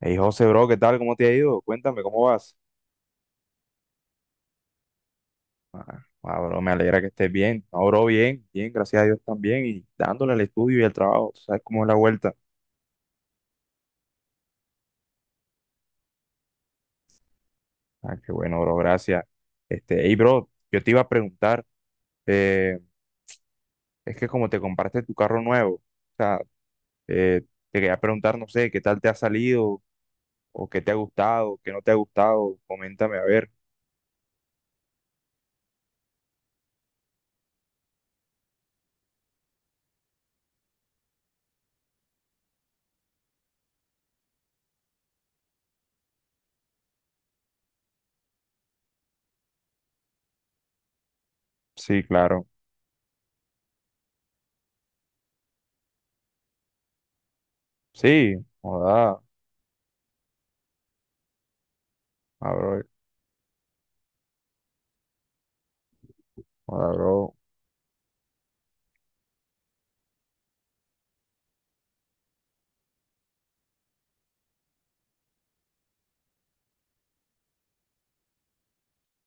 Hey, José, bro, ¿qué tal? ¿Cómo te ha ido? Cuéntame, ¿cómo vas? Ah, bro, me alegra que estés bien. No, bro, bien, gracias a Dios también. Y dándole al estudio y al trabajo, tú ¿sabes cómo es la vuelta? Ah, qué bueno, bro, gracias. Este, hey, bro, yo te iba a preguntar, eh, es que como te compraste tu carro nuevo, o sea, eh, te quería preguntar, no sé, ¿qué tal te ha salido? ¿O qué te ha gustado? ¿Qué no te ha gustado? Coméntame, a ver. Sí, claro. Sí, joda, ah, bro, joda, bro.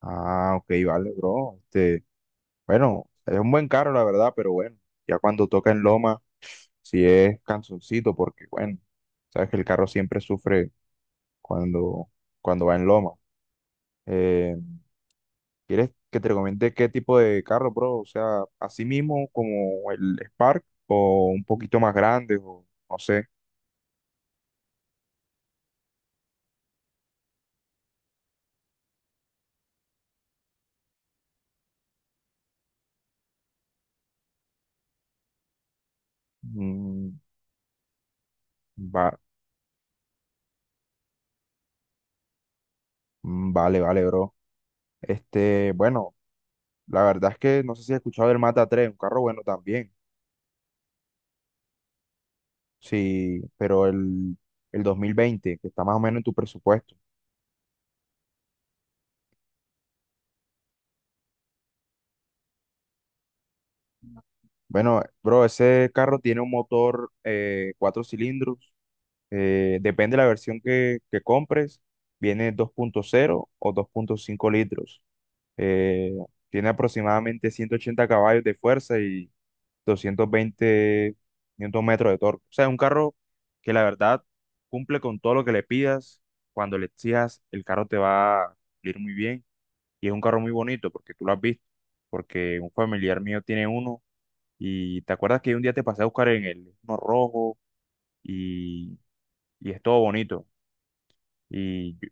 Ah, ok, vale, bro. Este. Bueno, es un buen carro, la verdad, pero bueno, ya cuando toca en Loma, sí es cansoncito, porque bueno, sabes que el carro siempre sufre cuando, cuando va en Loma. Eh, ¿Quieres que te recomiende qué tipo de carro, bro? O sea, así mismo como el Spark o un poquito más grande, o no sé. Mm, va, mm, vale, bro. Este, bueno, la verdad es que no sé si has escuchado del Mata tres, un carro bueno también. Sí, pero el 2020 que está más o menos en tu presupuesto. Bueno, bro, ese carro tiene un motor cuatro cilindros. Depende de la versión que compres. Viene dos punto cero o dos punto cinco litros. eh, tiene aproximadamente 180 caballos de fuerza y 220 newton metros de torque. O sea, es un carro que la verdad cumple con todo lo que le pidas. Cuando le exijas, el carro te va a ir muy bien. Y es un carro muy bonito porque tú lo has visto, porque un familiar mío tiene uno y te acuerdas que un día te pasé a buscar en el uno rojo y, y es todo bonito. Y yo-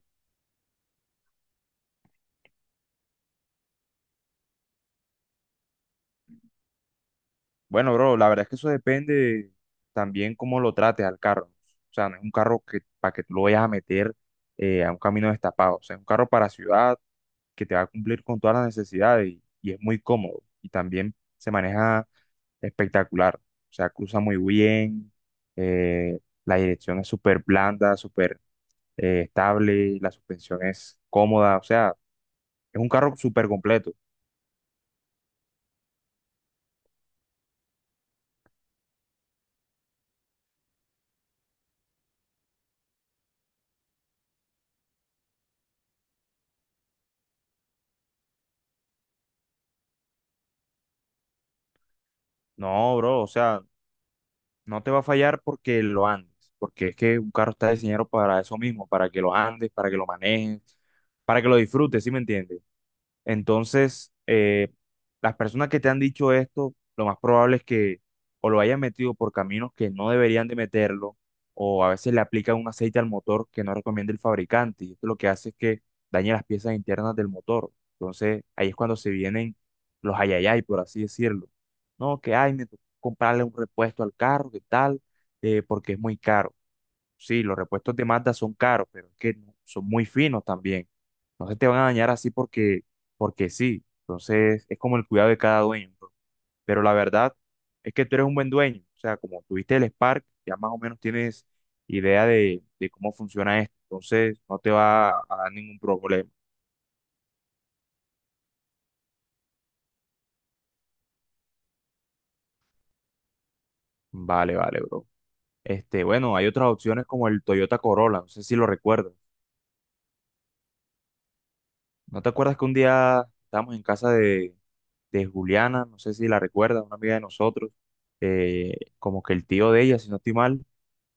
bueno, bro, la verdad es que eso depende también cómo lo trates al carro. O sea, no es un carro que para que tú lo vayas a meter a un camino destapado. O sea, es un carro para ciudad que te va a cumplir con todas las necesidades y es muy cómodo. Y también se maneja espectacular. O sea, cruza muy bien, la dirección es súper blanda, súper estable, la suspensión es cómoda, o sea, es un carro súper completo. No, bro, o sea, no te va a fallar porque lo andes, porque es que un carro está diseñado para eso mismo, para que lo andes, para que lo manejes, para que lo disfrutes, ¿sí me entiendes? Entonces, las personas que te han dicho esto, lo más probable es que o lo hayan metido por caminos que no deberían de meterlo, o a veces le aplican un aceite al motor que no recomienda el fabricante, y esto lo que hace es que dañe las piezas internas del motor. Entonces, ahí es cuando se vienen los ayayay, por así decirlo. No, que ay, me tocó comprarle un repuesto al carro, que tal, porque es muy caro. Sí, los repuestos de Mazda son caros, pero es que son muy finos también. No se te van a dañar así porque sí. Entonces es como el cuidado de cada dueño. Bro. Pero la verdad es que tú eres un buen dueño. O sea, como tuviste el Spark, ya más o menos tienes idea de cómo funciona esto. Entonces no te va a dar ningún problema. Vale, bro. Este, bueno, hay otras opciones como el Toyota Corolla. No sé si lo recuerdas. ¿No te acuerdas que un día estábamos en casa de Juliana, no sé si la recuerda, una amiga de nosotros, como que el tío de ella, si no estoy mal,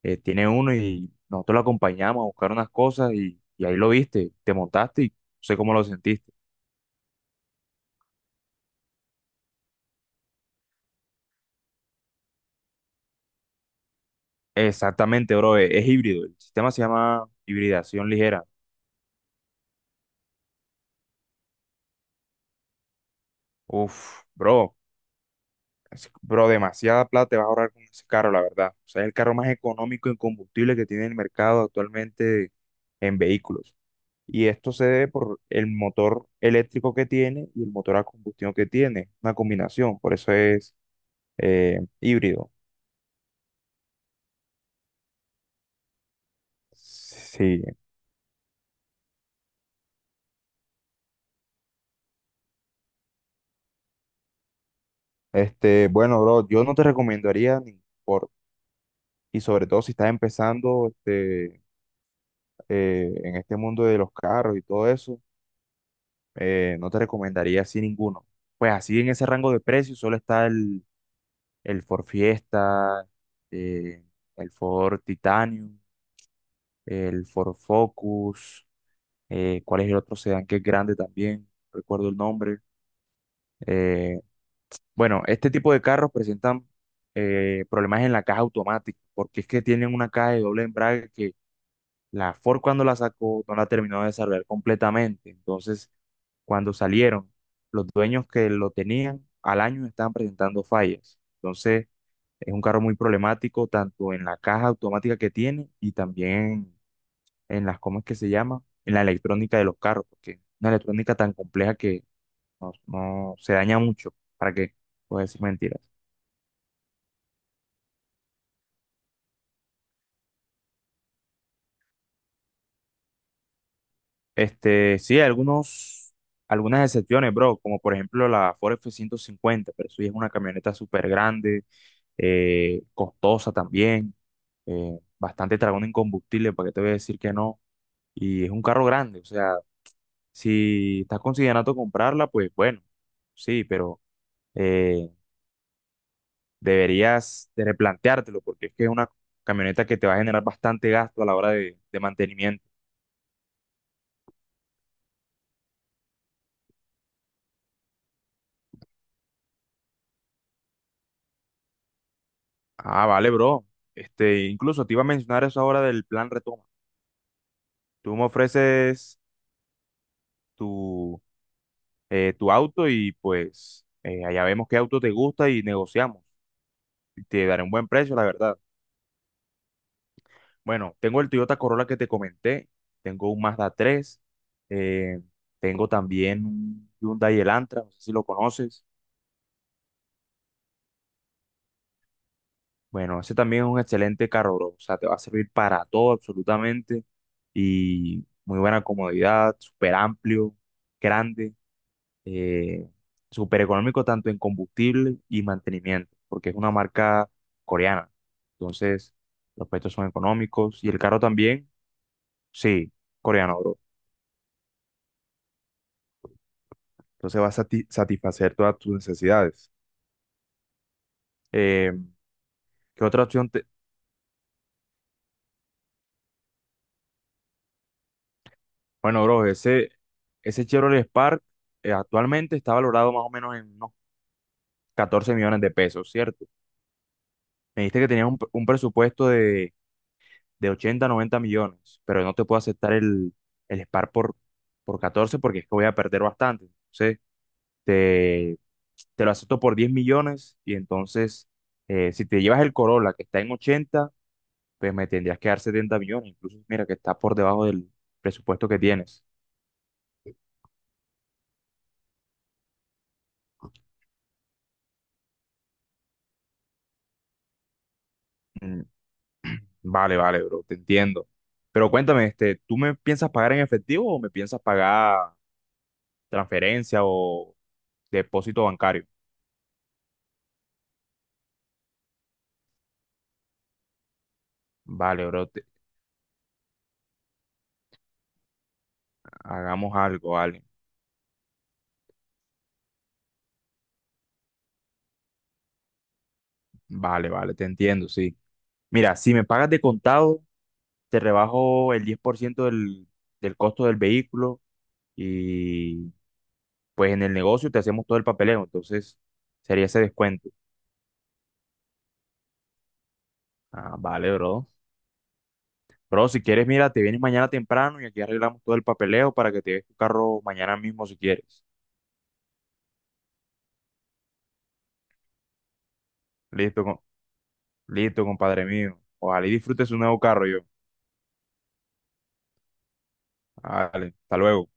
tiene uno y nosotros lo acompañamos a buscar unas cosas y ahí lo viste, te montaste y no sé cómo lo sentiste. Exactamente, bro, es, híbrido, el sistema se llama hibridación ligera. Uf, bro, bro, demasiada plata te vas a ahorrar con ese carro, la verdad. O sea, es el carro más económico en combustible que tiene el mercado actualmente en vehículos. Y esto se debe por el motor eléctrico que tiene y el motor a combustión que tiene, una combinación, por eso es híbrido. Sí, este, bueno, bro, yo no te recomendaría ningún Ford, y sobre todo si estás empezando este, en este mundo de los carros y todo eso, no te recomendaría así ninguno. Pues así en ese rango de precios solo está el Ford Fiesta, eh, el Ford Titanium, el Ford Focus. Cuál es el otro sedán que es grande también, no recuerdo el nombre. Eh, bueno, este tipo de carros presentan problemas en la caja automática, porque es que tienen una caja de doble embrague que la Ford cuando la sacó no la terminó de desarrollar completamente. Entonces, cuando salieron, los dueños que lo tenían al año estaban presentando fallas. Entonces, es un carro muy problemático, tanto en la caja automática que tiene y también en las, ¿cómo es que se llama? En la electrónica de los carros, porque una electrónica tan compleja que no, no se daña mucho. ¿Para qué? Puedes decir mentiras. Este, sí, algunos, algunas excepciones, bro, como por ejemplo la Ford F-150, pero eso ya es una camioneta súper grande, costosa también, bastante dragón en combustible, ¿para qué te voy a decir que no? Y es un carro grande, o sea, si estás considerando comprarla, pues bueno, sí, pero... eh, deberías de replanteártelo porque es que es una camioneta que te va a generar bastante gasto a la hora de mantenimiento. Ah, vale, bro. Este, incluso te iba a mencionar eso ahora del plan retoma. Tú me ofreces tu, tu auto y pues allá vemos qué auto te gusta y negociamos. Y te daré un buen precio, la verdad. Bueno, tengo el Toyota Corolla que te comenté, tengo un Mazda 3, eh, tengo también un Hyundai Elantra, no sé si lo conoces. Bueno, ese también es un excelente carro, bro. O sea, te va a servir para todo absolutamente. Y muy buena comodidad, súper amplio, grande, eh, súper económico tanto en combustible y mantenimiento, porque es una marca coreana. Entonces, los precios son económicos y el carro también, sí, coreano, bro. Entonces va a satisfacer todas tus necesidades. Eh, ¿Qué otra opción te... Bueno, bro, ese Chevrolet Spark actualmente está valorado más o menos en unos 14 millones de pesos, ¿cierto? Me dijiste que tenías un presupuesto de 80 90 millones, pero no te puedo aceptar el SPAR por 14 porque es que voy a perder bastante. Entonces, te, te lo acepto por 10 millones y entonces, si te llevas el Corolla que está en 80 pues me tendrías que dar 70 millones, incluso mira que está por debajo del presupuesto que tienes. Mm, vale, vale, bro, te entiendo. Pero cuéntame, este, ¿tú me piensas pagar en efectivo o me piensas pagar transferencia o depósito bancario? Vale, bro, te- hagamos algo, vale. Vale, vale, te entiendo, sí. Mira, si me pagas de contado, te rebajo el 10% del costo del vehículo y pues en el negocio te hacemos todo el papeleo, entonces sería ese descuento. Ah, vale, bro. Bro, si quieres, mira, te vienes mañana temprano y aquí arreglamos todo el papeleo para que te des tu carro mañana mismo si quieres. Listo, listo, compadre mío. Ojalá y disfrutes un nuevo carro yo. Vale, hasta luego.